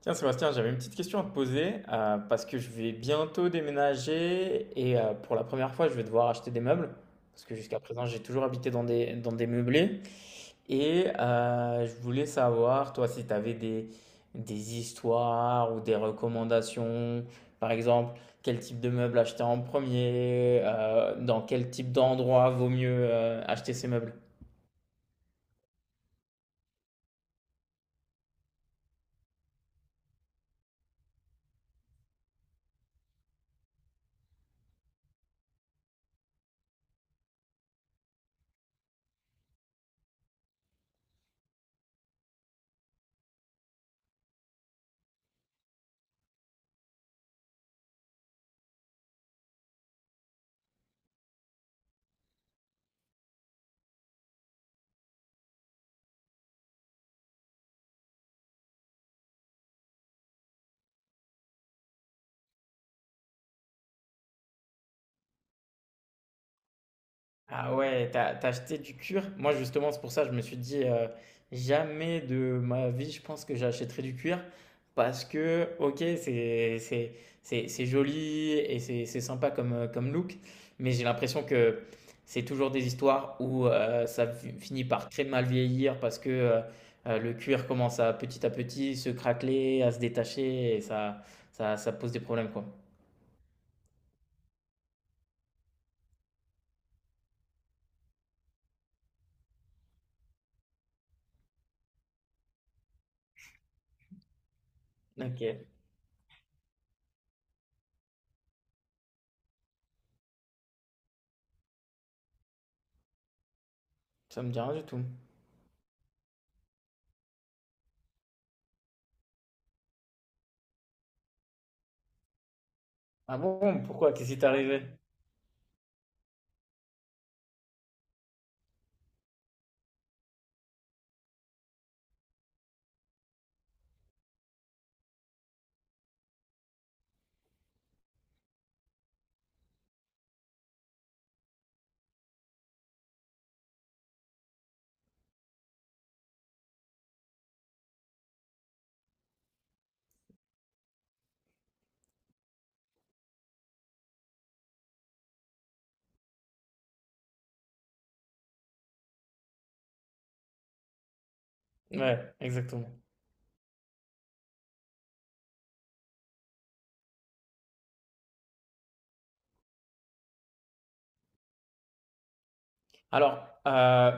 Tiens, Sébastien, j'avais une petite question à te poser, parce que je vais bientôt déménager et, pour la première fois, je vais devoir acheter des meubles parce que jusqu'à présent, j'ai toujours habité dans dans des meublés. Je voulais savoir, toi, si tu avais des histoires ou des recommandations, par exemple, quel type de meubles acheter en premier, dans quel type d'endroit vaut mieux acheter ces meubles. Ah ouais, t'as acheté du cuir? Moi justement, c'est pour ça que je me suis dit, jamais de ma vie, je pense que j'achèterai du cuir parce que ok, c'est c'est joli et c'est sympa comme, comme look, mais j'ai l'impression que c'est toujours des histoires où, finit par très mal vieillir parce que, le cuir commence à petit se craqueler, à se détacher et ça pose des problèmes quoi. Ok, ça me dit rien du tout. Ah bon, pourquoi? Qu'est-ce qui t'est arrivé? Ouais, exactement. Alors, heu,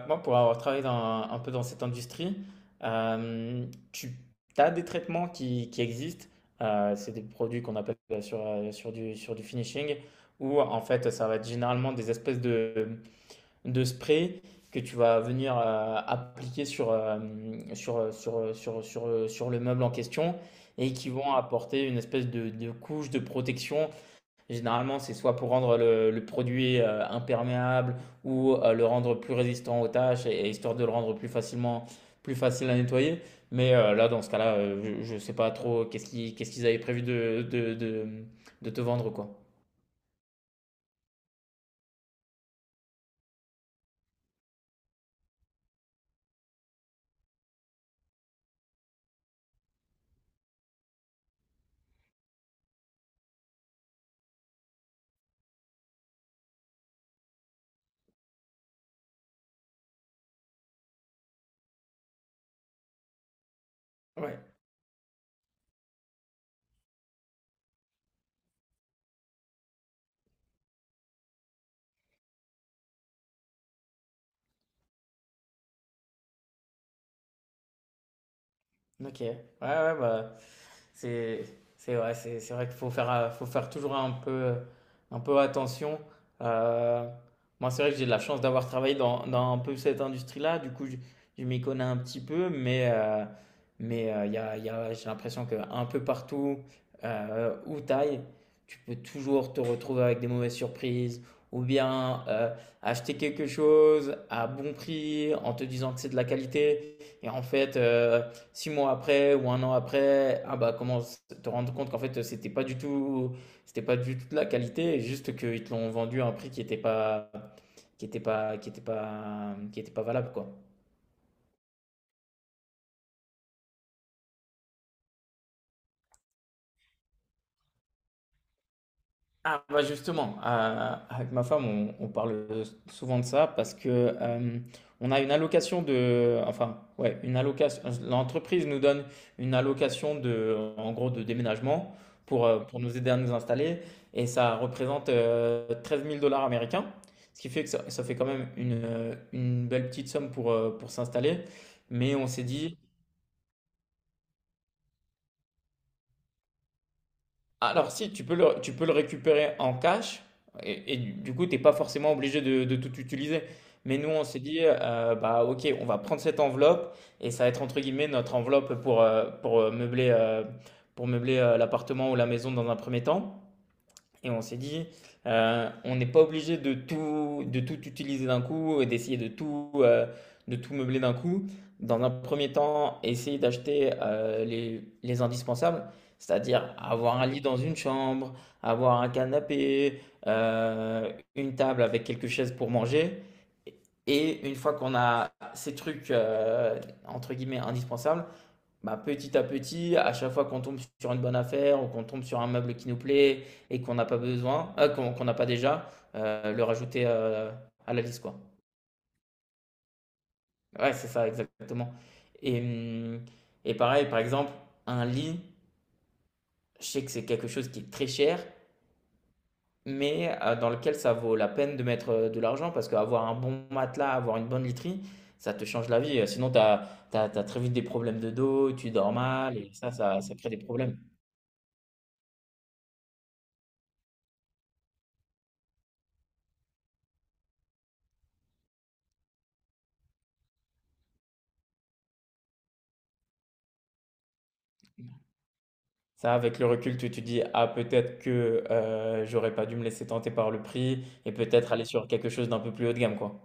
moi, pour avoir travaillé dans un peu dans cette industrie, tu as des traitements qui existent, c'est des produits qu'on appelle, sur, sur du finishing où en fait, ça va être généralement des espèces de sprays que tu vas venir, appliquer sur, hem, sur, sur, sur, sur, sur le meuble en question et qui vont apporter une espèce de couche de protection. Généralement, c'est soit pour rendre le produit, imperméable ou, le rendre plus résistant aux tâches, et histoire de le rendre plus facilement, plus facile à nettoyer. Là, dans ce cas-là, je ne sais pas trop qu'est-ce qu'ils avaient prévu de te vendre, quoi. Ouais. Ok. Ouais, ouais, bah, C'est c'est ouais, c'est vrai qu'il faut faire, faut faire toujours un peu attention. Euh, Moi, c'est vrai que j'ai de la chance d'avoir travaillé dans un peu cette industrie-là. Du coup, je m'y connais un petit peu, j'ai l'impression que un peu partout, où t'ailles, tu peux toujours te retrouver avec des mauvaises surprises ou bien, acheter quelque chose à bon prix en te disant que c'est de la qualité et en fait, 6 mois après ou 1 an après, ah bah commence te rendre compte qu'en fait c'était pas du tout de la qualité, juste qu'ils te l'ont vendu à un prix qui était pas, qui était pas, qui était pas, qui était pas valable quoi. Ah bah justement, avec ma femme, on parle souvent de ça parce que, on a une allocation de, enfin ouais, une allocation. L'entreprise nous donne une allocation de, en gros, de déménagement pour, pour nous aider à nous installer et ça représente, 13 000 dollars américains, ce qui fait que ça fait quand même une belle petite somme pour, pour s'installer. Mais on s'est dit, alors, si, tu peux le récupérer en cash et du coup, tu n'es pas forcément obligé de tout utiliser. Mais nous, on s'est dit, bah, ok, on va prendre cette enveloppe et ça va être entre guillemets notre enveloppe pour, meubler, pour meubler, l'appartement ou la maison dans un premier temps. Et on s'est dit, on n'est pas obligé de tout utiliser d'un coup et d'essayer de tout meubler d'un coup. Dans un premier temps, essayer d'acheter, les indispensables, c'est-à-dire avoir un lit dans une chambre, avoir un canapé, euh, une table avec quelques chaises pour manger. Et une fois qu'on a ces trucs, entre guillemets, indispensables, bah, petit à petit, à chaque fois qu'on tombe sur une bonne affaire ou qu'on tombe sur un meuble qui nous plaît et qu'on n'a pas besoin, ah, qu'on n'a pas déjà, le rajouter, à la liste, quoi. Ouais, c'est ça, exactement. Et, hum, et pareil, par exemple, un lit, je sais que c'est quelque chose qui est très cher, mais, dans lequel ça vaut la peine de mettre, de l'argent parce qu'avoir un bon matelas, avoir une bonne literie, ça te change la vie. Sinon, tu as, très vite des problèmes de dos, tu dors mal et ça crée des problèmes. Ça, avec le recul, tu te dis: «Ah peut-être que, j'aurais pas dû me laisser tenter par le prix et peut-être aller sur quelque chose d'un peu plus haut de gamme», quoi.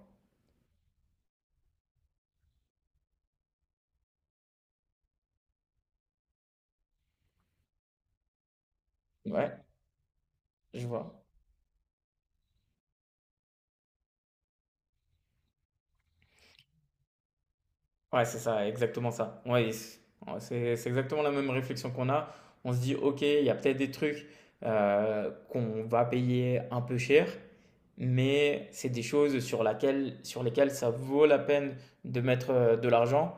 Ouais, je vois. Ouais, c'est ça, exactement ça. Ouais, c'est exactement la même réflexion qu'on a. On se dit: «OK, il y a peut-être des trucs, qu'on va payer un peu cher, mais c'est des choses sur lesquelles ça vaut la peine de mettre, de l'argent».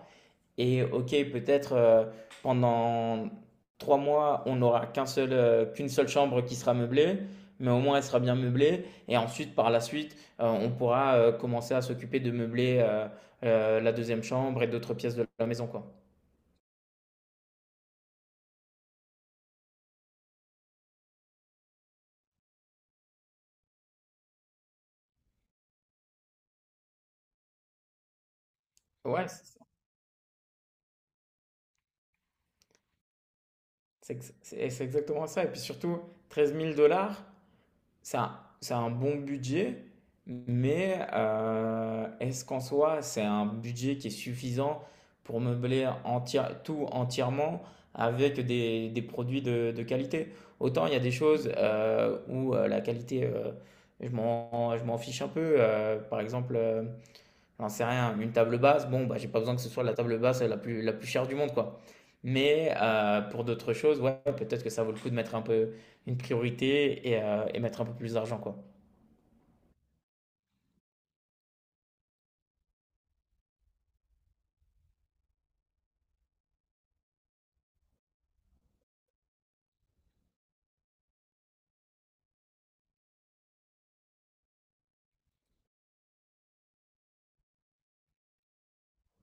Et OK, peut-être, pendant 3 mois, on n'aura qu'un seul, qu'une seule chambre qui sera meublée, mais au moins elle sera bien meublée et ensuite par la suite, on pourra, commencer à s'occuper de meubler, la deuxième chambre et d'autres pièces de la maison, quoi. Ouais, c'est ça. C'est ex C'est exactement ça et puis surtout 13 000 dollars. Ça, c'est un bon budget, mais, est-ce qu'en soi, c'est un budget qui est suffisant pour meubler tout entièrement avec des produits de qualité? Autant il y a des choses, où la qualité, je m'en fiche un peu. Par exemple, j'en sais rien, une table basse, bon, bah, j'ai pas besoin que ce soit la table basse la plus chère du monde, quoi. Mais, pour d'autres choses, ouais, peut-être que ça vaut le coup de mettre un peu une priorité et mettre un peu plus d'argent, quoi.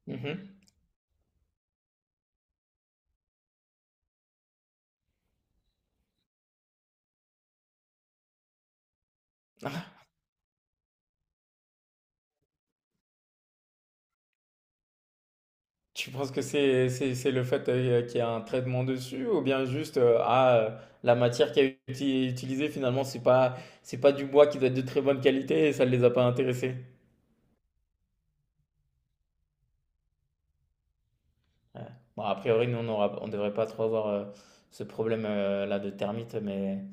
Mhm. Tu penses que c'est le fait, qu'il y a un traitement dessus ou bien juste, la matière qui a été utilisée finalement c'est pas du bois qui doit être de très bonne qualité et ça ne les a pas intéressés. Ouais. Bon, a priori, nous, on aura, on devrait pas trop avoir, ce problème, là de termites, mais.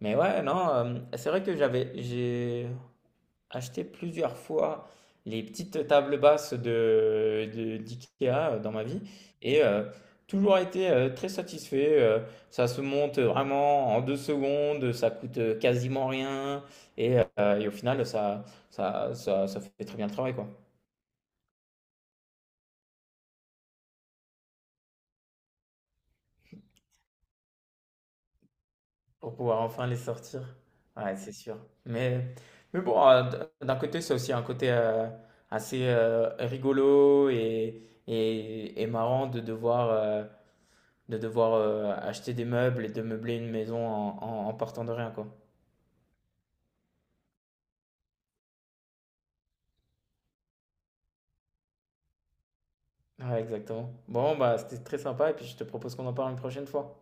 Mais ouais, non, c'est vrai que j'avais, j'ai acheté plusieurs fois les petites tables basses d'IKEA, dans ma vie et, toujours été, très satisfait. Ça se monte vraiment en deux secondes, ça coûte, quasiment rien et, et au final, ça fait très bien le travail, quoi. Pour pouvoir enfin les sortir. Ouais, c'est sûr. Mais, mais bon, d'un côté, c'est aussi un côté, assez, rigolo et, et marrant de devoir, acheter des meubles et de meubler une maison en partant de rien, quoi. Ouais, exactement. Bon, bah, c'était très sympa et puis je te propose qu'on en parle une prochaine fois.